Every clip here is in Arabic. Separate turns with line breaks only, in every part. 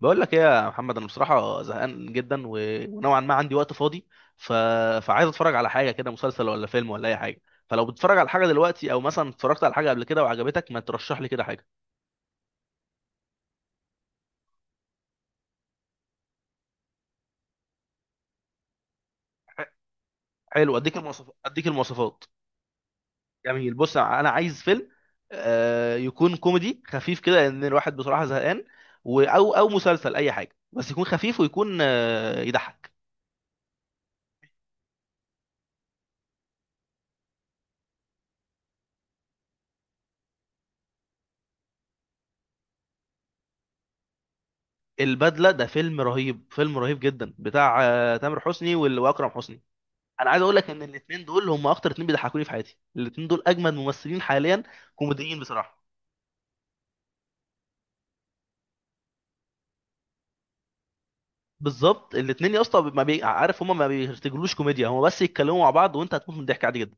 بقول لك ايه يا محمد؟ انا بصراحه زهقان جدا، ونوعا ما عندي وقت فاضي. ف... فعايز اتفرج على حاجه كده، مسلسل ولا فيلم ولا اي حاجه. فلو بتتفرج على حاجه دلوقتي او مثلا اتفرجت على حاجه قبل كده وعجبتك، ما ترشح لي كده حاجه. ح- حلو، اديك المواصفات. جميل، بص انا عايز فيلم، يكون كوميدي خفيف كده، لان الواحد بصراحه زهقان. او مسلسل، اي حاجه بس يكون خفيف ويكون يضحك. البدله ده فيلم رهيب، فيلم رهيب جدا، بتاع تامر حسني واكرم حسني. انا عايز اقول لك ان الاثنين دول هم اكتر اثنين بيضحكوني في حياتي، الاثنين دول اجمد ممثلين حاليا كوميديين بصراحه. بالظبط، الاثنين يا اسطى، ما بي... عارف، هم ما بيرتجلوش كوميديا، هم بس يتكلموا مع بعض وانت هتموت من الضحك عادي جدا.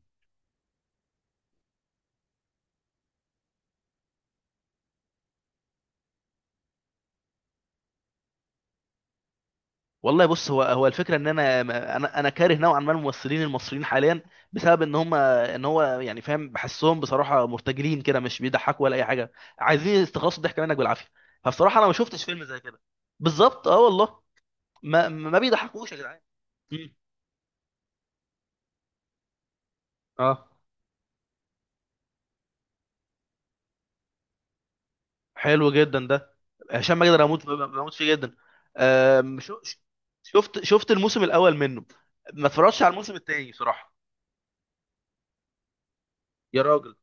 والله بص، هو هو الفكره ان انا كاره نوعا ما الممثلين المصريين حاليا، بسبب ان هم، ان هو يعني فاهم، بحسهم بصراحه مرتجلين كده، مش بيضحكوا ولا اي حاجه، عايزين يستخلصوا الضحك منك بالعافيه. فبصراحه انا ما شفتش فيلم زي كده. بالظبط اه والله، ما بيضحكوش يا جدعان. مم. اه. حلو جدا ده، هشام ماجد انا بموت بموت فيه جدا. آم، شو- شفت الموسم الاول منه، ما اتفرجتش على الموسم التاني صراحه. يا راجل.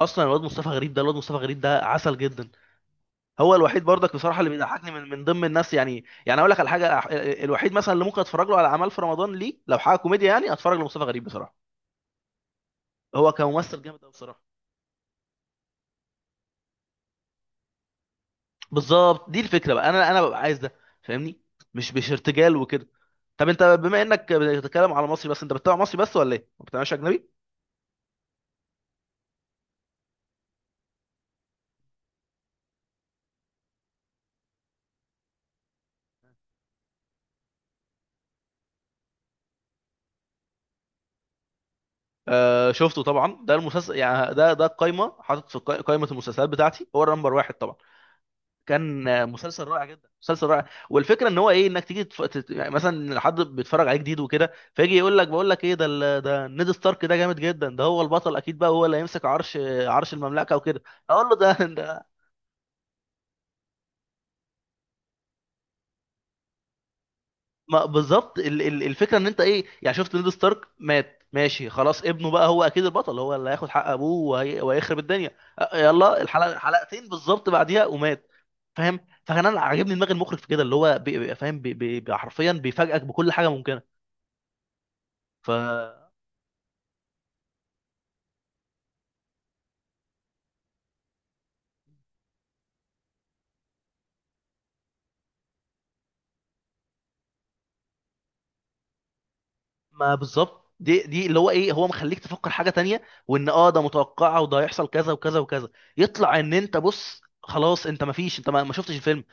اصلا الواد مصطفى غريب ده، عسل جدا، هو الوحيد برضك بصراحه اللي بيضحكني من ضمن الناس، يعني اقول لك على حاجه. الوحيد مثلا اللي ممكن اتفرج له على اعمال في رمضان، ليه؟ لو حاجه كوميديا يعني اتفرج لمصطفى غريب بصراحه. هو كممثل جامد قوي بصراحه. بالظبط، دي الفكره بقى، انا ببقى عايز ده، فاهمني؟ مش ارتجال وكده. طب انت بما انك بتتكلم على مصري بس، انت بتتابع مصري بس ولا ايه؟ ما بتتابعش اجنبي؟ آه شفته طبعا، ده المسلسل يعني، ده القايمه، حاطط في قايمه المسلسلات بتاعتي هو النمبر واحد طبعا. كان مسلسل رائع جدا، مسلسل رائع. والفكره ان هو ايه، انك تيجي يعني مثلا لو حد بيتفرج عليه جديد وكده، فيجي يقول لك بقول لك ايه ده، ده نيد ستارك ده جامد جدا، ده هو البطل اكيد بقى، هو اللي هيمسك عرش، عرش المملكه وكده. اقول له ده ما بالظبط، الفكره ان انت ايه يعني، شفت نيد ستارك مات ماشي خلاص، ابنه بقى هو اكيد البطل، هو اللي هياخد حق ابوه وهيخرب الدنيا. يلا الحلقه حلقتين بالظبط بعديها ومات، فاهم؟ فكان انا عاجبني دماغ المخرج في كده، اللي هو فاهم، حرفيا بيفاجئك بكل حاجه ممكنه. ف ما بالظبط، دي اللي هو ايه، هو مخليك تفكر حاجه تانية، وان اه ده متوقعه وده هيحصل كذا وكذا وكذا، يطلع ان انت بص خلاص، انت ما فيش، انت ما شفتش الفيلم.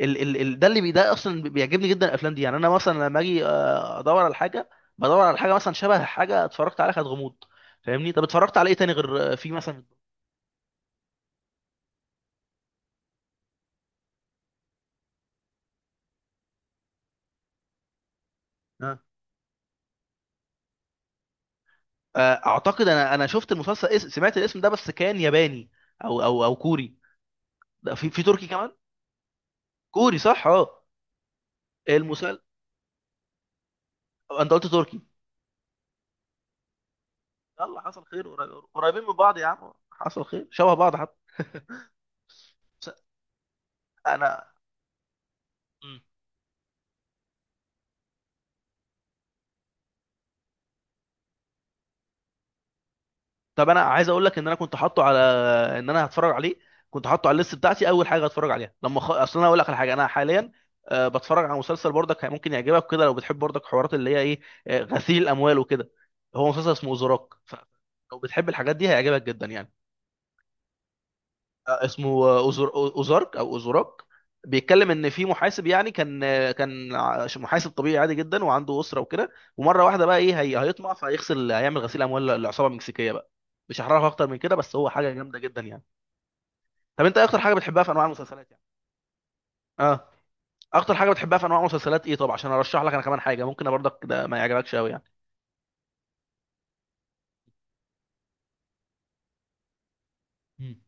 ال ال ال ده ده اصلا بيعجبني جدا الافلام دي، يعني انا مثلا لما اجي ادور على حاجه، بدور على حاجه مثلا شبه حاجه اتفرجت عليها كانت غموض، فاهمني؟ طب اتفرجت على ايه تاني غير في مثلا؟ اه. اعتقد انا شفت المسلسل، سمعت الاسم ده بس كان ياباني او كوري، ده في تركي كمان؟ كوري، صح، اه. المسلسل. انت قلت تركي. يلا حصل خير، قريبين من بعض يا عم، حصل خير، شبه بعض حتى. بس انا. طب انا عايز اقول لك ان انا كنت حاطه على، ان انا هتفرج عليه، كنت حاطه على الليست بتاعتي اول حاجه هتفرج عليها لما اصل انا اقول لك على حاجه، انا حاليا بتفرج على مسلسل برضك ممكن يعجبك كده، لو بتحب برضك حوارات اللي هي ايه، غسيل الاموال وكده، هو مسلسل اسمه اوزراك. لو بتحب الحاجات دي هيعجبك جدا يعني. اسمه اوزارك او اوزوراك. بيتكلم ان في محاسب، يعني كان محاسب طبيعي عادي جدا، وعنده اسره وكده، ومره واحده بقى ايه هي، هيطمع فهيغسل، هيعمل غسيل اموال للعصابه المكسيكيه بقى. مش هحرقها اكتر من كده بس هو حاجه جامده جدا يعني. طب انت إيه اكتر حاجه بتحبها في انواع المسلسلات يعني؟ اه. اكتر حاجه بتحبها في انواع المسلسلات ايه، طب عشان ارشح لك انا كمان حاجه ممكن برضك ده ما يعجبكش قوي يعني. مم.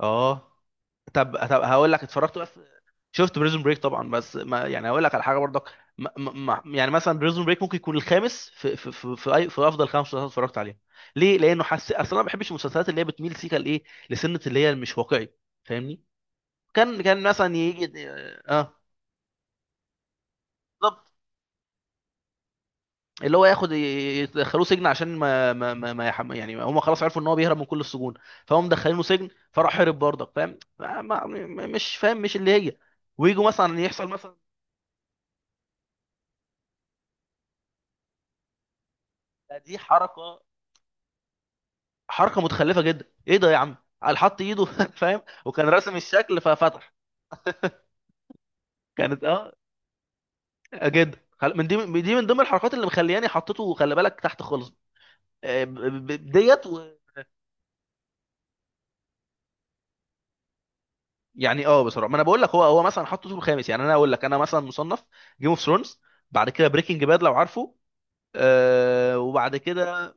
اه. طب هقول لك اتفرجت بس، شفت بريزون بريك طبعا، بس ما يعني اقول لك على حاجه برضك، يعني مثلا بريزون بريك ممكن يكون الخامس أي في افضل خمس مسلسلات اتفرجت عليها، ليه؟ لانه حس اصلا انا ما بحبش المسلسلات اللي هي بتميل سيكا لايه، لسنه اللي هي مش واقعي، فاهمني؟ كان مثلا يجي. اه. بالظبط، اللي هو ياخد يدخلوه سجن عشان ما ما ما, ما يحم... يعني هم خلاص عرفوا ان هو بيهرب من كل السجون، فهم مدخلينه سجن فراح هرب برضك، فاهم؟ ما ما مش فاهم، مش اللي هي. ويجوا مثلا يحصل مثلا. دي حركه، حركه متخلفه جدا، ايه ده يا عم؟ قال حط ايده فاهم، وكان راسم الشكل ففتح. كانت اه جدا، من دي، من دي، من ضمن الحركات اللي مخلياني حطيته خلي بالك تحت خالص. ديت. يعني اه بصراحه، ما انا بقول لك، هو هو مثلا حطيته الخامس، يعني انا اقول لك انا مثلا مصنف جيم اوف ثرونز، بعد كده بريكنج باد لو عارفه، آه، وبعد كده.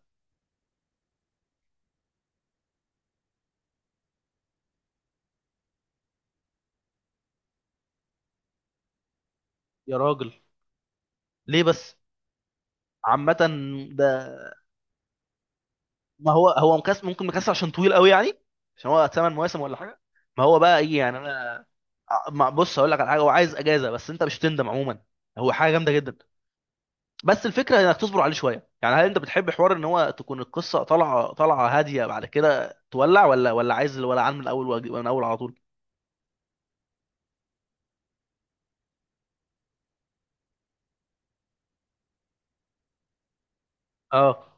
يا راجل، ليه بس؟ عامه، ده ما هو، هو مكسر، ممكن مكسر عشان طويل قوي يعني، عشان هو ثمان مواسم ولا حاجه. ما هو بقى ايه يعني انا بص هقول لك على حاجه، هو عايز اجازه بس انت مش هتندم عموما، هو حاجه جامده جدا، بس الفكره انك تصبر عليه شويه يعني. هل انت بتحب حوار ان هو تكون القصه طالعه، طالعه هاديه، بعد كده تولع، ولا عايز الولعان من الاول، من الاول على طول؟ اه.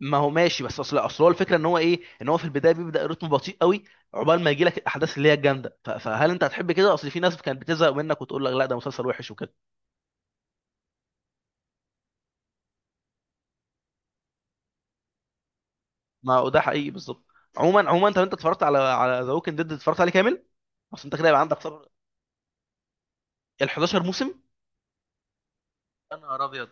ما هو ماشي، بس اصل هو الفكره ان هو ايه، ان هو في البدايه بيبدا رتم بطيء قوي عقبال ما يجي لك الاحداث اللي هي الجامده. فهل انت هتحب كده؟ اصل في ناس كانت بتزهق منك وتقول لك لا ده مسلسل وحش وكده. ما هو ده حقيقي بالظبط. عموما، عموما، طب انت اتفرجت على، على ذا ووكينج ديد؟ اتفرجت عليه كامل؟ اصل انت كده يبقى عندك صبر. ال 11 موسم؟ انا نهار ابيض.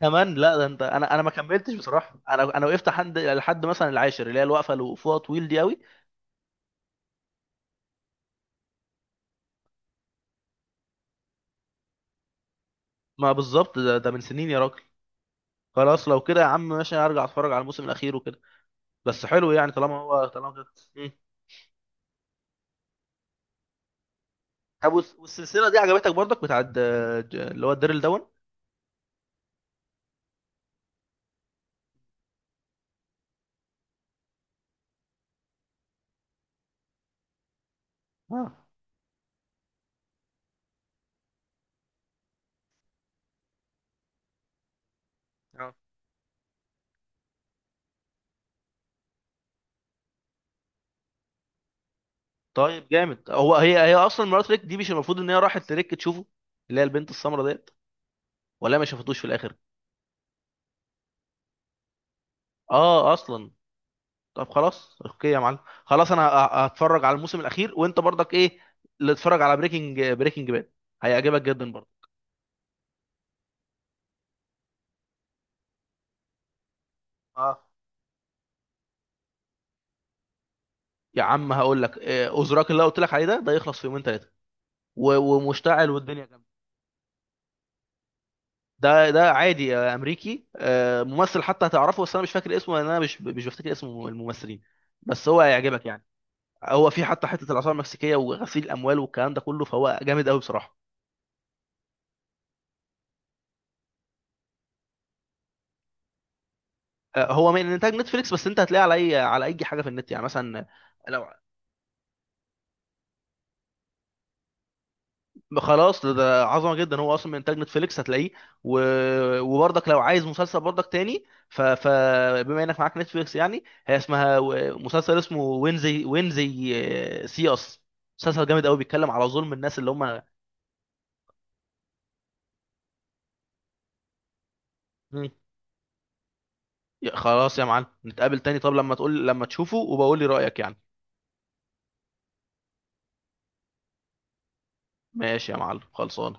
كمان؟ لا ده انت، انا ما كملتش بصراحه، انا وقفت لحد، لحد مثلا العاشر، اللي هي الوقفه اللي وقفوها طويل دي قوي. ما بالظبط، ده من سنين يا راجل. خلاص، لو كده يا عم ماشي، ارجع اتفرج على الموسم الاخير وكده، بس حلو يعني، طالما هو طالما كده. مم. طب والسلسله دي عجبتك برضك؟ بتاعت اللي هو الديرل دون؟ اه. طيب جامد. هو هي، هي اصلا مرات ريك دي مش المفروض ان هي راحت لريك تشوفه، اللي هي البنت السمراء ديت، ولا ما شافتوش في الاخر؟ اه، اصلا. طب خلاص اوكي يا معلم، خلاص انا هتفرج على الموسم الاخير، وانت برضك ايه اللي اتفرج على بريكنج باد هيعجبك جدا برضه. اه. يا عم هقول لك، اوزراك اللي أنا قلت لك عليه ده، ده يخلص في يومين ثلاثه، ومشتعل والدنيا جامده. ده ده عادي، امريكي، ممثل حتى هتعرفه بس انا مش فاكر اسمه، لان انا مش بفتكر اسم الممثلين، بس هو هيعجبك يعني. هو في حتى حته الاثار المكسيكيه وغسيل الاموال والكلام ده كله، فهو جامد قوي بصراحه. هو من انتاج نتفليكس، بس انت هتلاقيه على اي حاجه في النت يعني مثلا. لو خلاص، ده عظمه جدا، هو اصلا من انتاج نتفليكس هتلاقيه. و... وبرضك لو عايز مسلسل برضك تاني، فبما انك معاك نتفليكس يعني، هي اسمها مسلسل اسمه وينزي سي اس، مسلسل جامد قوي، بيتكلم على ظلم الناس اللي هم. مم. خلاص يا معلم، نتقابل تاني طب لما تقول، لما تشوفه وبقول لي رايك يعني. ماشي يا معلم، خلصان.